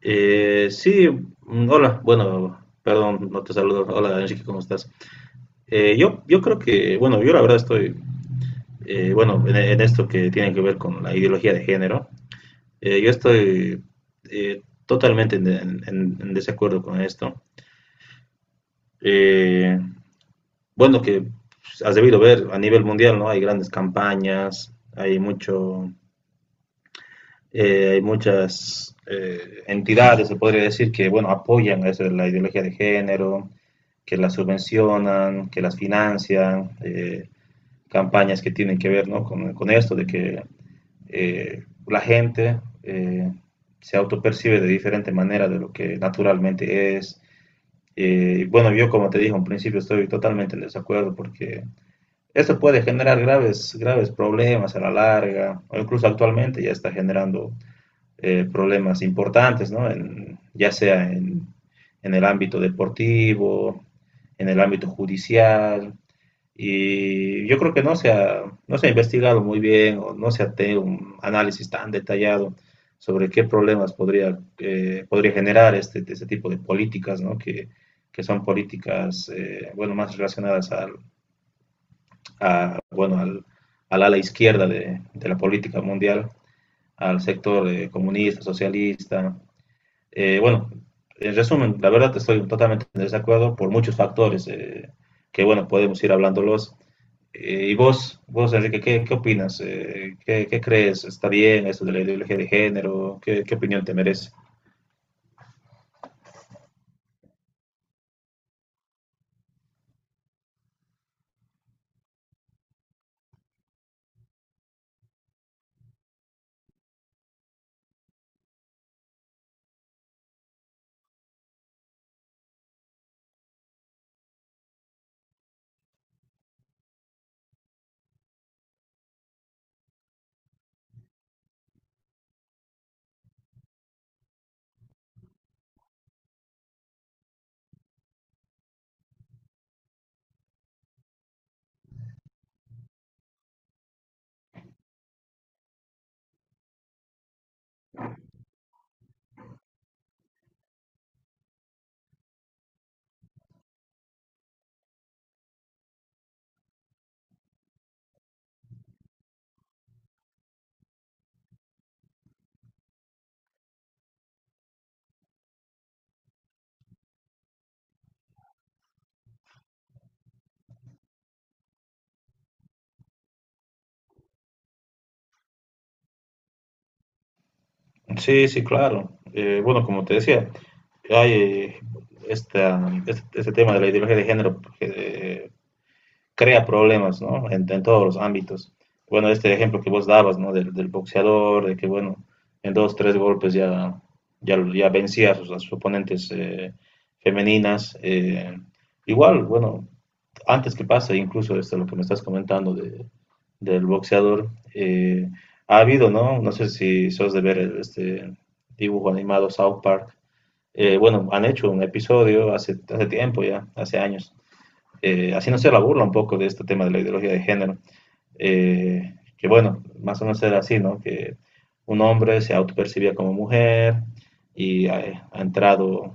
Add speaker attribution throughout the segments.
Speaker 1: Sí, hola, bueno, perdón, no te saludo. Hola, Enrique, ¿cómo estás? Yo creo que, bueno, yo la verdad estoy, bueno, en esto que tiene que ver con la ideología de género. Yo estoy totalmente en desacuerdo con esto. Eh, bueno, que pues, has debido ver a nivel mundial, ¿no? Hay grandes campañas, hay mucho. Hay muchas entidades, se podría decir, que bueno, apoyan eso de la ideología de género, que las subvencionan, que las financian. Campañas que tienen que ver, ¿no?, con esto, de que la gente se autopercibe de diferente manera de lo que naturalmente es. Y bueno, yo como te dije en principio estoy totalmente en desacuerdo porque esto puede generar graves, graves problemas a la larga, o incluso actualmente ya está generando problemas importantes, ¿no? Ya sea en el ámbito deportivo, en el ámbito judicial, y yo creo que no se ha investigado muy bien o no se ha tenido un análisis tan detallado sobre qué problemas podría generar este tipo de políticas, ¿no? Que son políticas bueno, más relacionadas al, a, bueno, al, al ala izquierda de la política mundial, al sector comunista, socialista. Bueno, en resumen, la verdad estoy totalmente en desacuerdo por muchos factores. Bueno, podemos ir hablándolos. Y vos, Enrique, ¿qué opinas? ¿Qué crees? ¿Está bien esto de la ideología de género? ¿Qué opinión te merece? Sí, sí, claro. Bueno, como te decía, hay este tema de la ideología de género, crea problemas, ¿no? En todos los ámbitos. Bueno, este ejemplo que vos dabas, ¿no? Del boxeador, de que, bueno, en dos, tres golpes ya vencía a sus oponentes femeninas. Igual, bueno, antes que pase, incluso este, lo que me estás comentando del boxeador, eh, ha habido, ¿no? No sé si sos de ver este dibujo animado South Park. Bueno, han hecho un episodio hace tiempo ya, hace años, haciéndose la burla un poco de este tema de la ideología de género. Que bueno, más o menos era así, ¿no? Que un hombre se autopercibía como mujer y ha entrado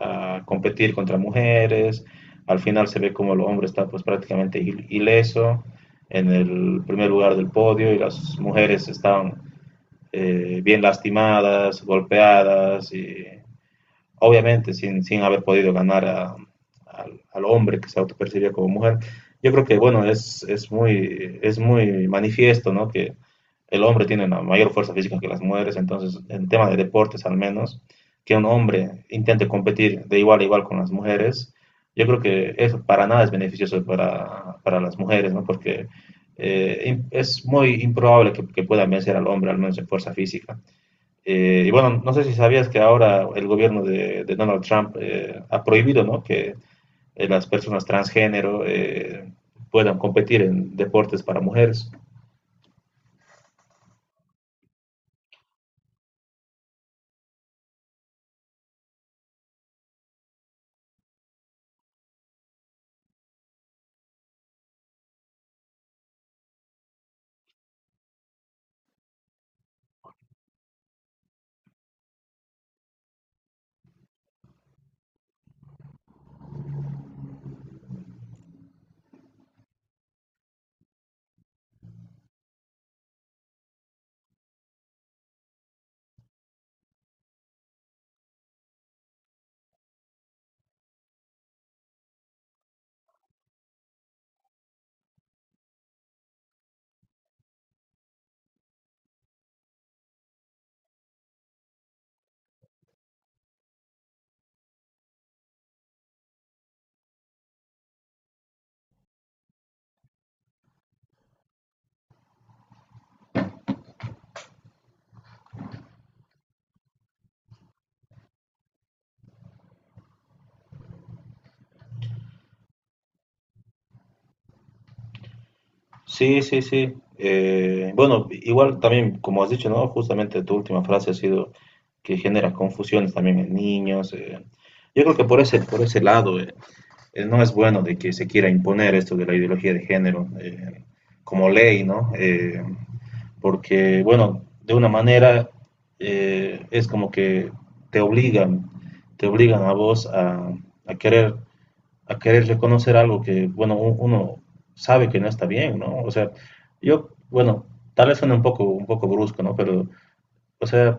Speaker 1: a competir contra mujeres, al final se ve como el hombre está pues prácticamente ileso en el primer lugar del podio y las mujeres estaban bien lastimadas, golpeadas y obviamente sin haber podido ganar al hombre que se autopercibía como mujer. Yo creo que, bueno, es muy manifiesto, ¿no? Que el hombre tiene una mayor fuerza física que las mujeres, entonces, en tema de deportes al menos, que un hombre intente competir de igual a igual con las mujeres, yo creo que eso para nada es beneficioso para las mujeres, ¿no? Porque es muy improbable que puedan vencer al hombre, al menos en fuerza física. Y bueno, no sé si sabías que ahora el gobierno de Donald Trump ha prohibido, ¿no?, que las personas transgénero puedan competir en deportes para mujeres. Sí, sí, sí. Bueno, igual también, como has dicho, ¿no?, justamente tu última frase ha sido que genera confusiones también en niños. Yo creo que por ese lado no es bueno de que se quiera imponer esto de la ideología de género como ley, ¿no? Porque, bueno, de una manera es como que te obligan, te obligan a vos a querer, a querer reconocer algo que, bueno, uno sabe que no está bien, ¿no? O sea, yo, bueno, tal vez suene un poco brusco, ¿no? Pero, o sea,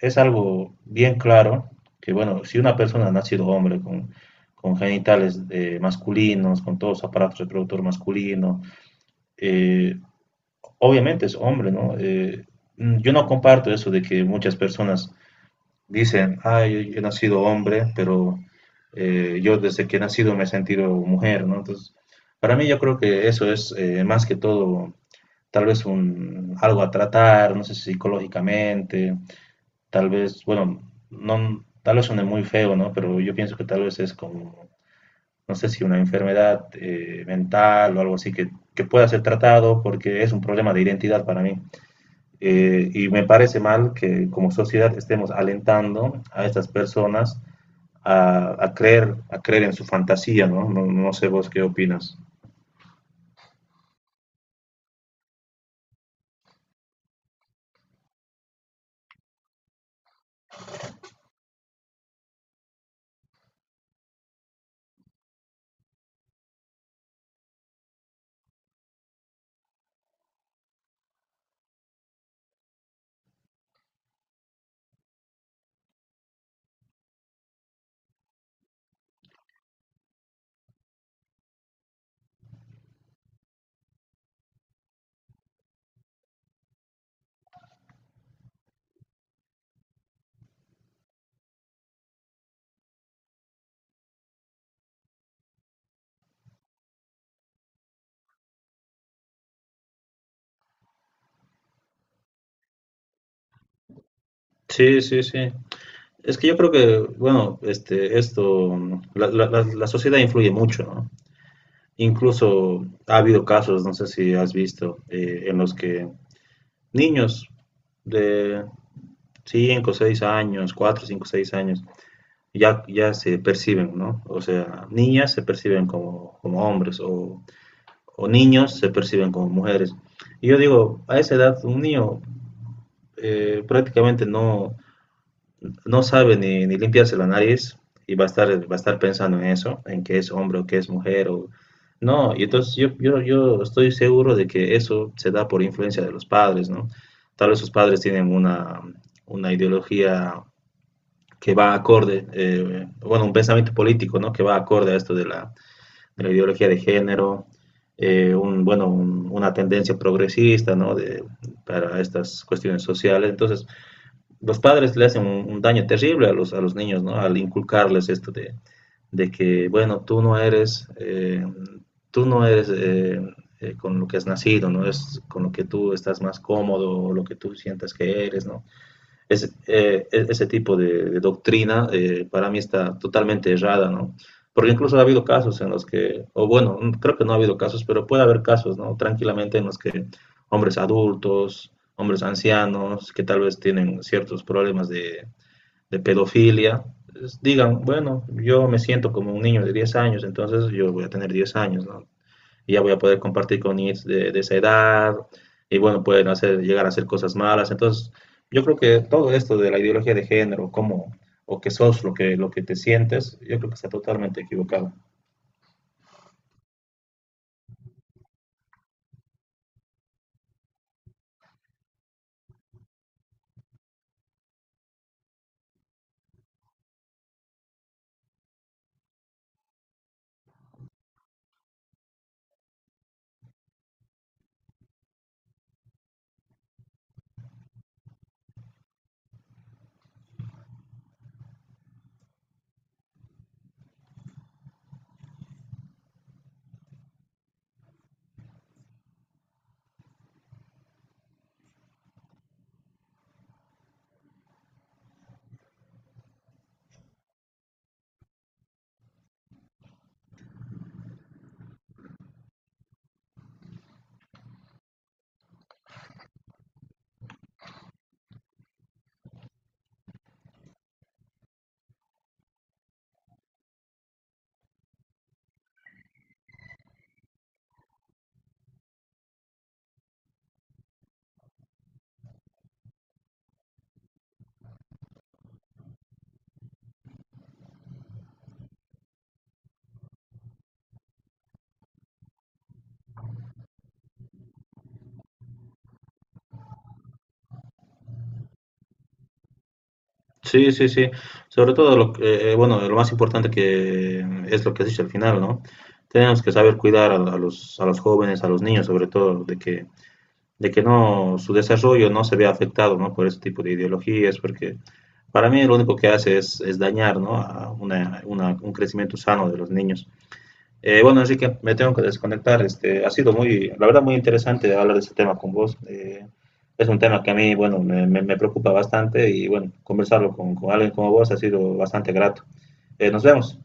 Speaker 1: es algo bien claro que, bueno, si una persona ha nacido hombre con genitales masculinos, con todos los aparatos reproductor masculino. eh, Obviamente es hombre, ¿no? Yo no comparto eso de que muchas personas dicen, ah, yo he nacido hombre, pero yo desde que he nacido me he sentido mujer, ¿no? Entonces, para mí yo creo que eso es más que todo tal vez algo a tratar, no sé, si psicológicamente, tal vez, bueno, no, tal vez suene muy feo, ¿no? Pero yo pienso que tal vez es como, no sé si una enfermedad mental o algo así que pueda ser tratado porque es un problema de identidad para mí. Y me parece mal que como sociedad estemos alentando a estas personas a creer en su fantasía, ¿no? ¿no? No sé vos qué opinas. Sí, sí, sí. Es que yo creo que, bueno, esto, la sociedad influye mucho, ¿no? Incluso ha habido casos, no sé si has visto, en los que niños de 5 6 años, 4 5 6 años, ya se perciben, ¿no? O sea, niñas se perciben como hombres o niños se perciben como mujeres. Y yo digo, a esa edad un niño prácticamente no sabe ni limpiarse la nariz y va a estar pensando en eso, en que es hombre o que es mujer. O... No, y entonces yo estoy seguro de que eso se da por influencia de los padres, ¿no? Tal vez sus padres tienen una ideología que va acorde, bueno, un pensamiento político, ¿no? Que va acorde a esto de la ideología de género, una tendencia progresista, ¿no? Para estas cuestiones sociales. Entonces, los padres le hacen un daño terrible a los niños, ¿no? Al inculcarles esto de que, bueno, tú no eres con lo que has nacido, ¿no? Es con lo que tú estás más cómodo, o lo que tú sientas que eres, ¿no? Ese tipo de doctrina para mí está totalmente errada, ¿no? Porque incluso ha habido casos en los que, o bueno, creo que no ha habido casos, pero puede haber casos, ¿no? Tranquilamente en los que hombres adultos, hombres ancianos, que tal vez tienen ciertos problemas de pedofilia, digan, bueno, yo me siento como un niño de 10 años, entonces yo voy a tener 10 años, ¿no? Y ya voy a poder compartir con niños de esa edad, y bueno, pueden hacer, llegar a hacer cosas malas. Entonces, yo creo que todo esto de la ideología de género, o que sos lo que, te sientes, yo creo que está totalmente equivocado. Sí, sí, sí. Sobre todo, bueno, lo más importante que es lo que has dicho al final, ¿no? Tenemos que saber cuidar a los jóvenes, a los niños, sobre todo, de que su desarrollo no se vea afectado, ¿no?, por ese tipo de ideologías, porque para mí lo único que hace es dañar, ¿no?, a un crecimiento sano de los niños. Bueno, así que me tengo que desconectar. Ha sido muy, la verdad, muy interesante hablar de este tema con vos. Es un tema que a mí, bueno, me preocupa bastante y, bueno, conversarlo alguien como vos ha sido bastante grato. Nos vemos.